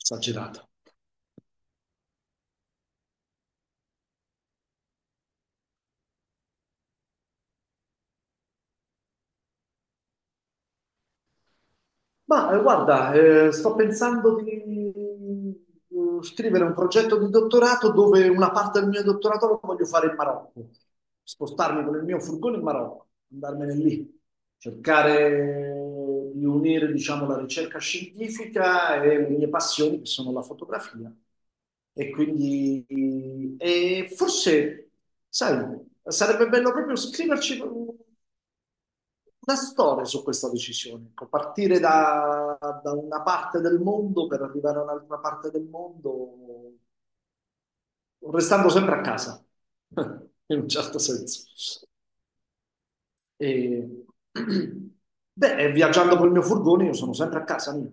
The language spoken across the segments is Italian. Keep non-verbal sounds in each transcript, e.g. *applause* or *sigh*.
Esagerato. Guarda, sto pensando di scrivere un progetto di dottorato dove una parte del mio dottorato lo voglio fare in Marocco, spostarmi con il mio furgone in Marocco, andarmene lì, cercare di unire, diciamo, la ricerca scientifica e le mie passioni, che sono la fotografia. E quindi, e forse, sai, sarebbe bello proprio scriverci una storia su questa decisione, ecco, partire da una parte del mondo per arrivare a un'altra parte del mondo, restando sempre a casa, *laughs* in un certo senso. E... *clears throat* Beh, viaggiando col mio furgone io sono sempre a casa mia.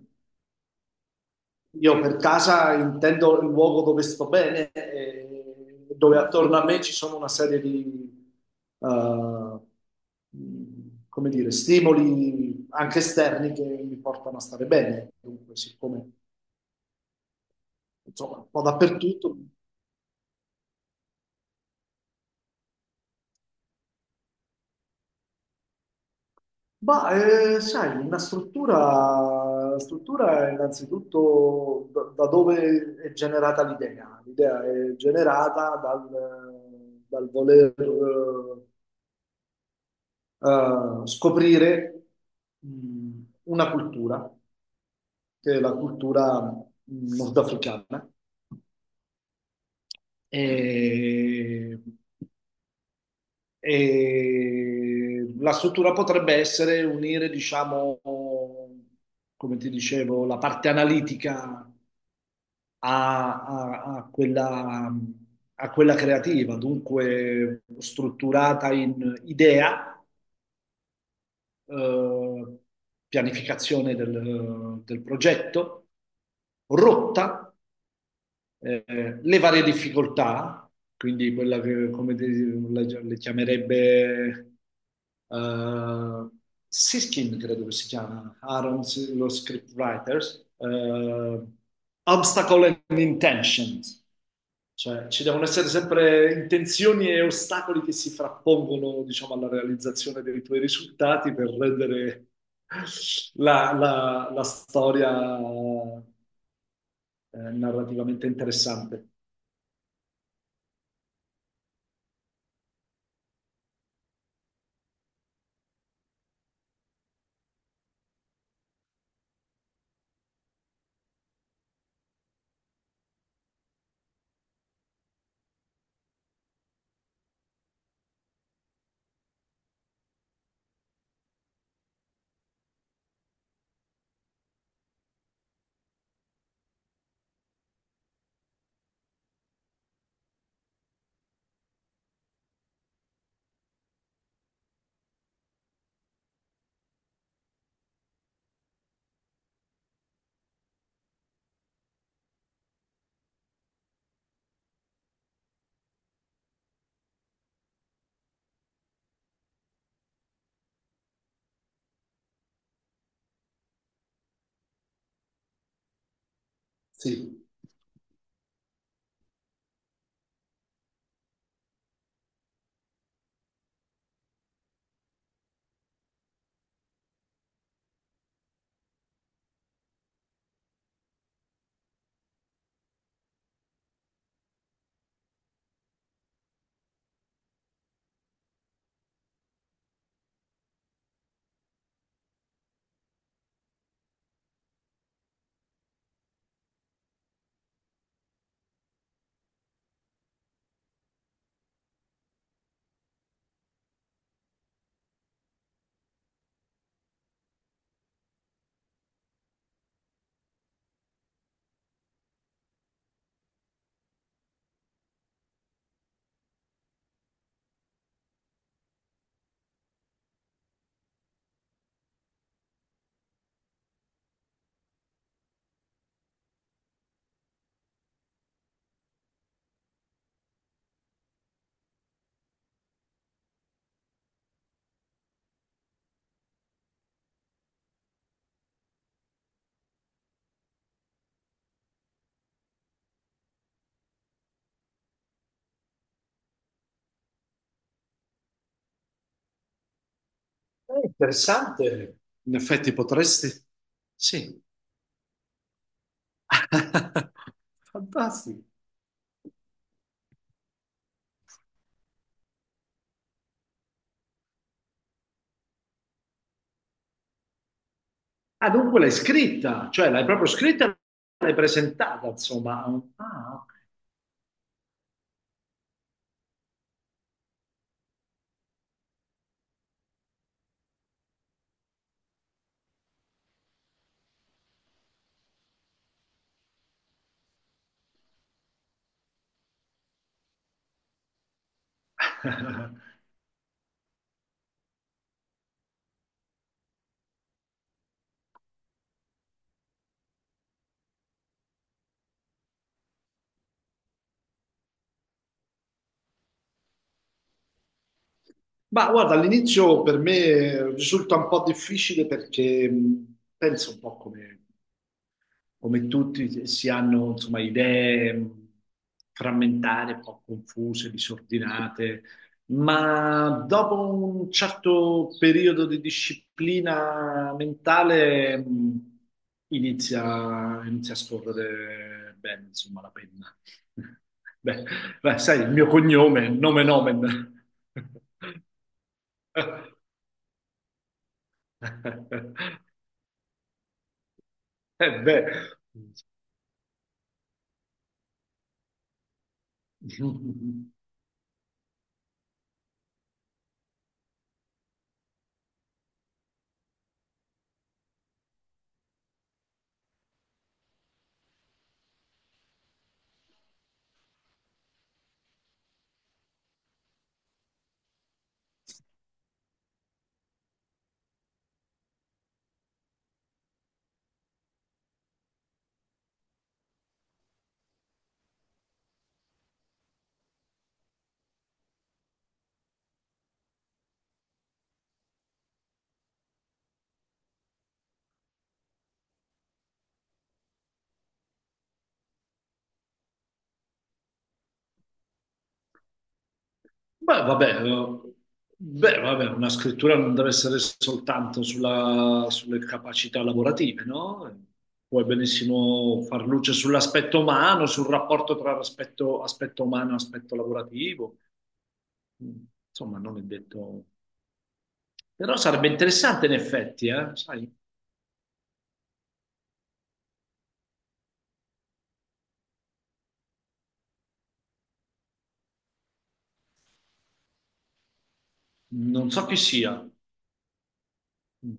Io per casa intendo il luogo dove sto bene, e dove attorno a me ci sono una serie di, eh, come dire, stimoli anche esterni che mi portano a stare bene. Dunque, siccome, insomma, un po' dappertutto. Ma, sai, una struttura, la struttura è innanzitutto da dove è generata l'idea. L'idea è generata dal voler... scoprire una cultura, che è la cultura nordafricana, e, e la struttura potrebbe essere unire, diciamo, come ti dicevo, la parte analitica a, a- a quella, a quella creativa, dunque strutturata in idea, eh, pianificazione del progetto, rotta, le varie difficoltà, quindi quella che le chiamerebbe eh, Siskin, credo che si chiama, Aaron, lo scriptwriters, obstacle and intentions, cioè ci devono essere sempre intenzioni e ostacoli che si frappongono, diciamo, alla realizzazione dei tuoi risultati per rendere la storia narrativamente interessante. Sì. Interessante. In effetti potresti... Sì. *laughs* Fantastico. Ah, dunque l'hai scritta, cioè l'hai proprio scritta e l'hai presentata, insomma. Ah, ok. *laughs* Ma guarda, all'inizio per me risulta un po' difficile perché penso un po' come tutti si hanno, insomma, idee frammentare, un po' confuse, disordinate, ma dopo un certo periodo di disciplina mentale, inizia a scorrere bene, insomma, la penna. *laughs* Beh, beh, sai, il mio cognome, nome nomen *laughs* omen. Eh beh. Beh, vabbè, eh, beh, vabbè, una scrittura non deve essere soltanto sulle capacità lavorative, no? Puoi benissimo far luce sull'aspetto umano, sul rapporto tra aspetto umano e aspetto lavorativo. Mm. Insomma, non è detto... Però sarebbe interessante in effetti, sai? Non so chi sia. Mm.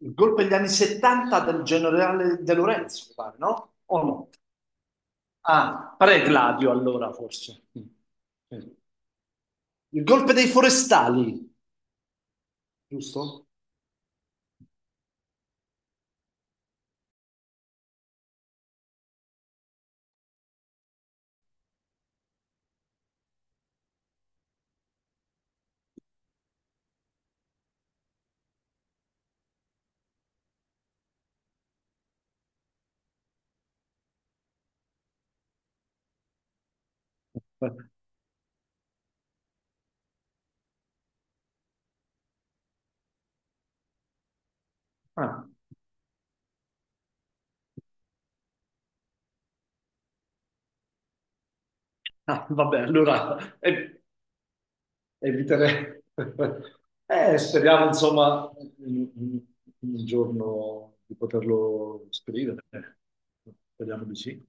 Il golpe degli anni 70 del generale De Lorenzo, mi pare, no? O no? Ah, Pre-Gladio allora, forse. Mm. Sì. Il golpe dei forestali, giusto? Ah, vabbè, allora, eviterei. *laughs* Speriamo, insomma, in- in- un giorno di poterlo scrivere. Speriamo di sì.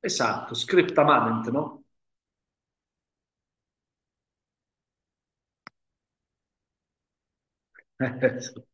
Esatto, scriptamamente, no? *laughs*